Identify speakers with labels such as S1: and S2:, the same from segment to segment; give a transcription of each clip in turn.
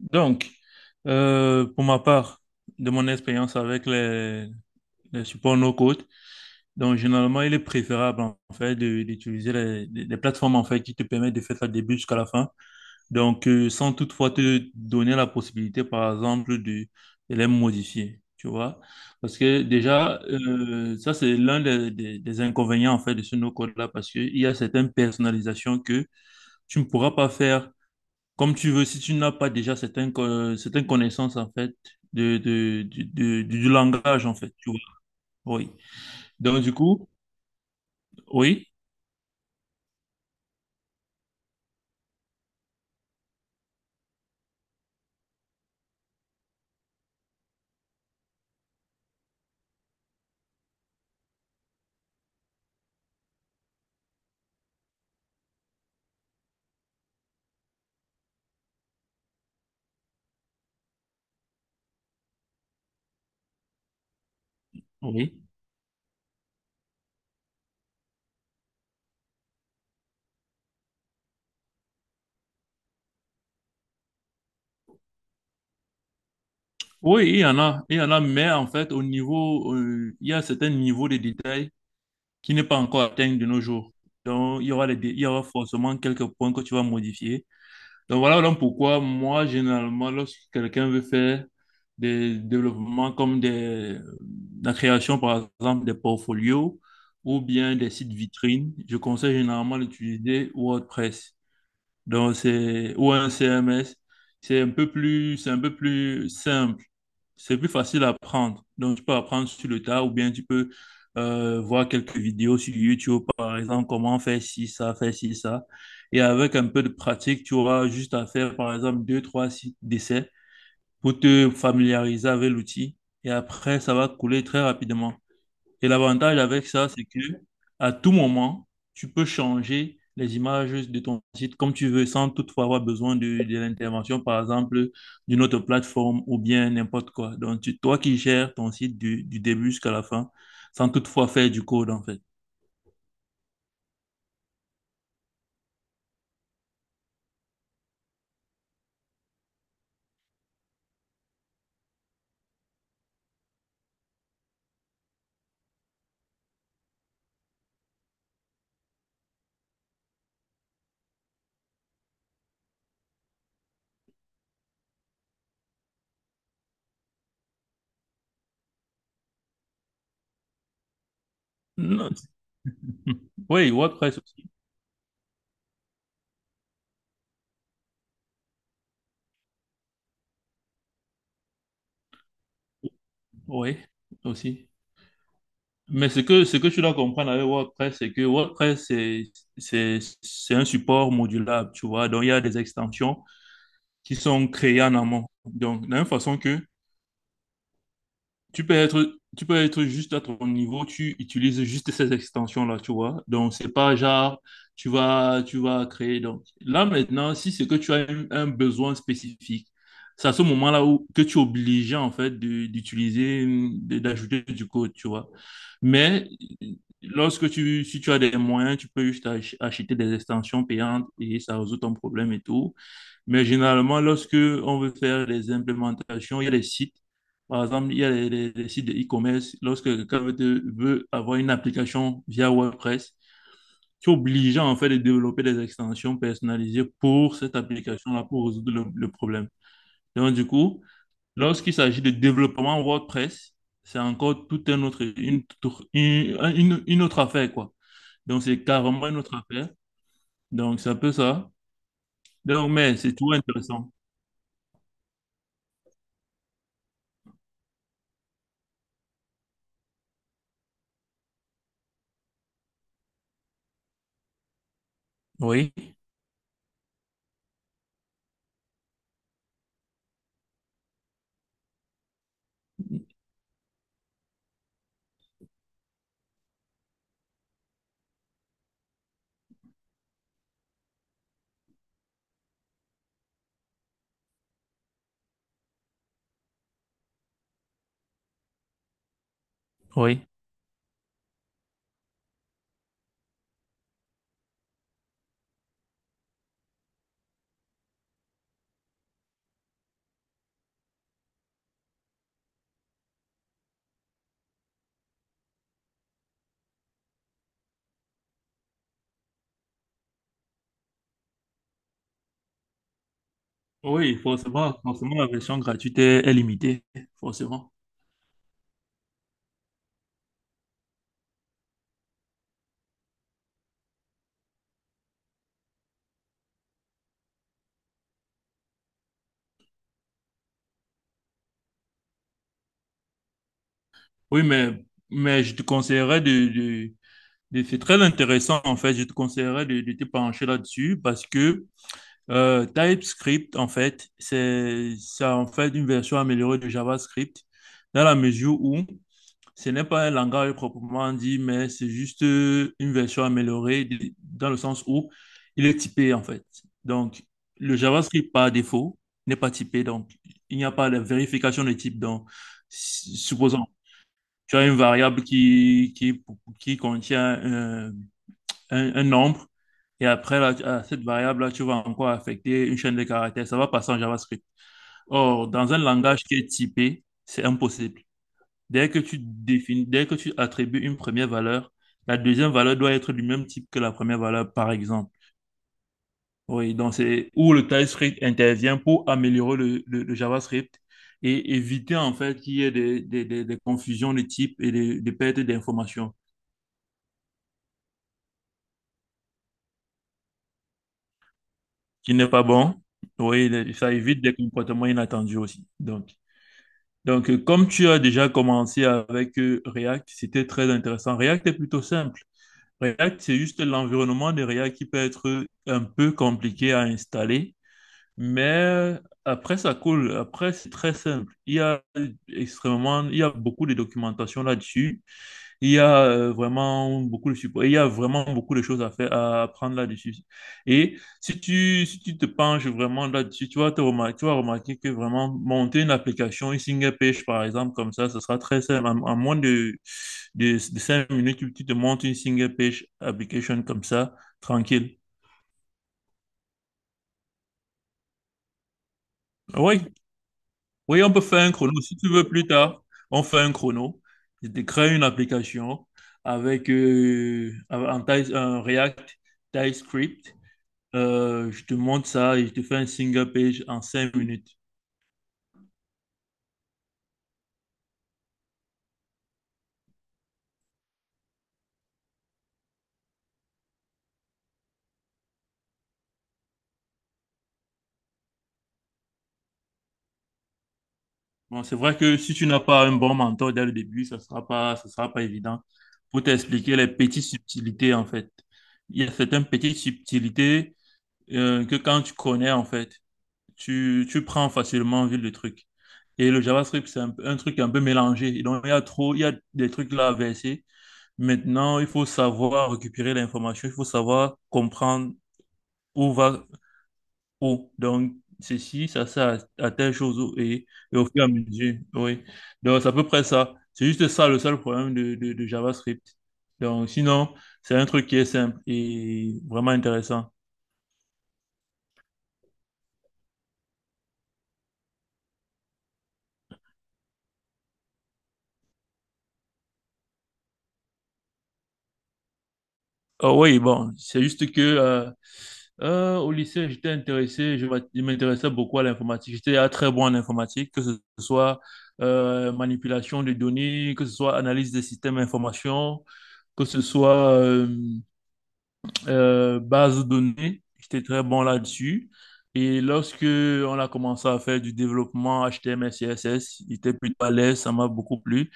S1: Donc, pour ma part, de mon expérience avec les supports no-code, donc généralement, il est préférable en fait d'utiliser les plateformes en fait qui te permettent de faire ça du début jusqu'à la fin. Donc, sans toutefois te donner la possibilité, par exemple, de les modifier, tu vois. Parce que déjà, ça c'est l'un des inconvénients en fait de ce no-code là, parce qu'il y a certaines personnalisations que tu ne pourras pas faire comme tu veux, si tu n'as pas déjà certaines connaissances, en fait, du langage, en fait, tu vois. Oui. Donc, du coup, oui, oui. Oui, il y en a, mais en fait, au niveau, il y a certains niveaux de détail qui n'est pas encore atteint de nos jours. Donc, il y aura forcément quelques points que tu vas modifier. Donc voilà donc pourquoi moi, généralement, lorsque quelqu'un veut faire des développements comme la création, par exemple, des portfolios ou bien des sites vitrines, je conseille généralement d'utiliser WordPress. Donc c'est ou un CMS, c'est un peu plus simple, c'est plus facile à apprendre. Donc tu peux apprendre sur le tas ou bien tu peux voir quelques vidéos sur YouTube par exemple comment faire ci ça, faire ci ça. Et avec un peu de pratique, tu auras juste à faire par exemple deux trois sites d'essais pour te familiariser avec l'outil. Et après ça va couler très rapidement. Et l'avantage avec ça, c'est que à tout moment, tu peux changer les images de ton site comme tu veux, sans toutefois avoir besoin de l'intervention, par exemple, d'une autre plateforme ou bien n'importe quoi. Donc, toi qui gères ton site du début jusqu'à la fin, sans toutefois faire du code, en fait. Non. Oui, WordPress aussi. Oui, aussi. Mais ce que tu dois comprendre avec WordPress, c'est que WordPress, c'est un support modulable, tu vois. Donc, il y a des extensions qui sont créés en amont. Donc, de la même façon que tu peux être juste à ton niveau, tu utilises juste ces extensions-là, tu vois. Donc, c'est pas genre, tu vas créer. Donc, là, maintenant, si c'est que tu as un besoin spécifique, c'est à ce moment-là où, que tu es obligé, en fait, d'utiliser, d'ajouter du code, tu vois. Mais lorsque si tu as des moyens, tu peux juste acheter des extensions payantes et ça résout ton problème et tout. Mais généralement, lorsque on veut faire des implémentations, il y a des sites. Par exemple, il y a les sites de e-commerce. Lorsque quelqu'un veut avoir une application via WordPress, tu es obligé en fait de développer des extensions personnalisées pour cette application-là pour résoudre le problème. Donc, du coup, lorsqu'il s'agit de développement WordPress, c'est encore tout un autre, une, toute- une autre affaire, quoi. Donc, c'est carrément une autre affaire. Donc, c'est un peu ça. Donc, mais c'est toujours intéressant. Oui, oui. Oui, forcément, forcément, la version gratuite est limitée, forcément. Oui, mais je te conseillerais c'est très intéressant, en fait, je te conseillerais de te pencher là-dessus parce que TypeScript, en fait, c'est en fait une version améliorée de JavaScript dans la mesure où ce n'est pas un langage proprement dit, mais c'est juste une version améliorée dans le sens où il est typé en fait. Donc, le JavaScript par défaut n'est pas typé, donc il n'y a pas de vérification de type. Donc, supposons, tu as une variable qui contient un nombre, et après, là, à cette variable-là, tu vas encore affecter une chaîne de caractères. Ça va passer en JavaScript. Or, dans un langage qui est typé, c'est impossible. Dès que tu définis, dès que tu attribues une première valeur, la deuxième valeur doit être du même type que la première valeur, par exemple. Oui, donc c'est où le TypeScript intervient pour améliorer le JavaScript et éviter en fait qu'il y ait des confusions de type et des pertes d'informations, qui n'est pas bon. Oui, ça évite des comportements inattendus aussi. Donc, comme tu as déjà commencé avec React, c'était très intéressant. React est plutôt simple. React, c'est juste l'environnement de React qui peut être un peu compliqué à installer, mais après, ça coule. Après, c'est très simple. Il y a beaucoup de documentation là-dessus. Il y a vraiment beaucoup de support. Il y a vraiment beaucoup de choses à faire, à apprendre là-dessus. Et si si tu te penches vraiment là-dessus, tu vas remarquer que vraiment monter une application, une single page, par exemple, comme ça, ce sera très simple. En moins de 5 minutes, tu te montes une single page application comme ça, tranquille. Oui, oui, on peut faire un chrono. Si tu veux plus tard, on fait un chrono. Je te crée une application avec un React TypeScript. Je te montre ça et je te fais un single page en 5 minutes. Bon, c'est vrai que si tu n'as pas un bon mentor dès le début, ça sera pas évident pour t'expliquer les petites subtilités, en fait. Il y a certaines petites subtilités que quand tu connais, en fait, tu prends facilement en vue le truc. Et le JavaScript, c'est un truc un peu mélangé. Et donc, il y a des trucs là à verser. Maintenant, il faut savoir récupérer l'information, il faut savoir comprendre où va Oh, donc, ceci, ça, à telle chose, oh, et au fur et à mesure, oui. Donc, c'est à peu près ça. C'est juste ça le seul problème de JavaScript. Donc, sinon, c'est un truc qui est simple et vraiment intéressant. Oh, oui, bon, c'est juste que au lycée, j'étais intéressé, je m'intéressais beaucoup à l'informatique. J'étais très bon en informatique, que ce soit manipulation de données, que ce soit analyse des systèmes d'information, que ce soit base de données. J'étais très bon là-dessus. Et lorsque on a commencé à faire du développement HTML, CSS, j'étais plutôt à l'aise, ça m'a beaucoup plu.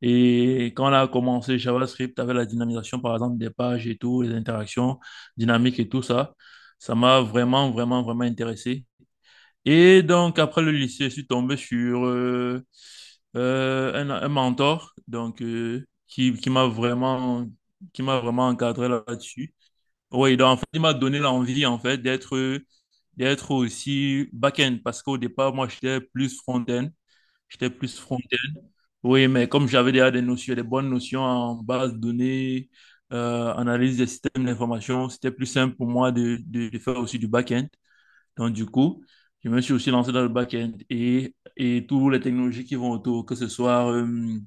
S1: Et quand on a commencé JavaScript avec la dynamisation, par exemple, des pages et tout, les interactions dynamiques et tout ça, ça m'a vraiment, vraiment, vraiment intéressé. Et donc, après le lycée, je suis tombé sur un mentor donc, qui m'a vraiment encadré là-dessus. Oui, donc en fait, il m'a donné l'envie en fait d'être aussi back-end parce qu'au départ, moi, j'étais plus front-end. J'étais plus front-end. Oui, mais comme j'avais déjà des bonnes notions en base de données, analyse des systèmes d'information, c'était plus simple pour moi de faire aussi du back-end. Donc, du coup, je me suis aussi lancé dans le back-end et toutes les technologies qui vont autour, que ce soit euh,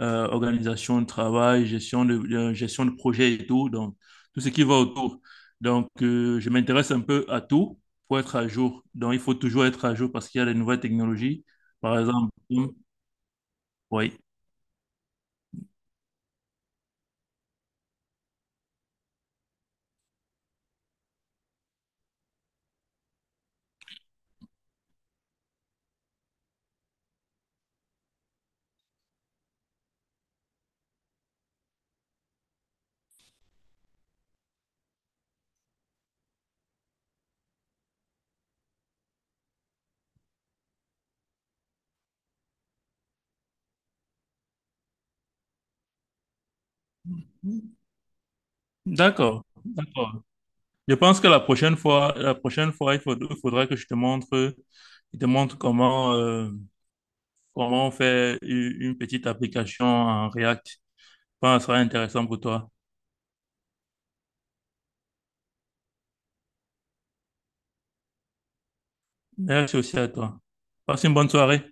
S1: euh, organisation de travail, gestion de projet et tout, donc tout ce qui va autour. Donc, je m'intéresse un peu à tout pour être à jour. Donc, il faut toujours être à jour parce qu'il y a les nouvelles technologies. Par exemple, oui. D'accord, d'accord. Je pense que la prochaine fois, il faudra que je te montre comment faire une petite application en React. Je pense que ça sera intéressant pour toi. Merci aussi à toi. Passe une bonne soirée.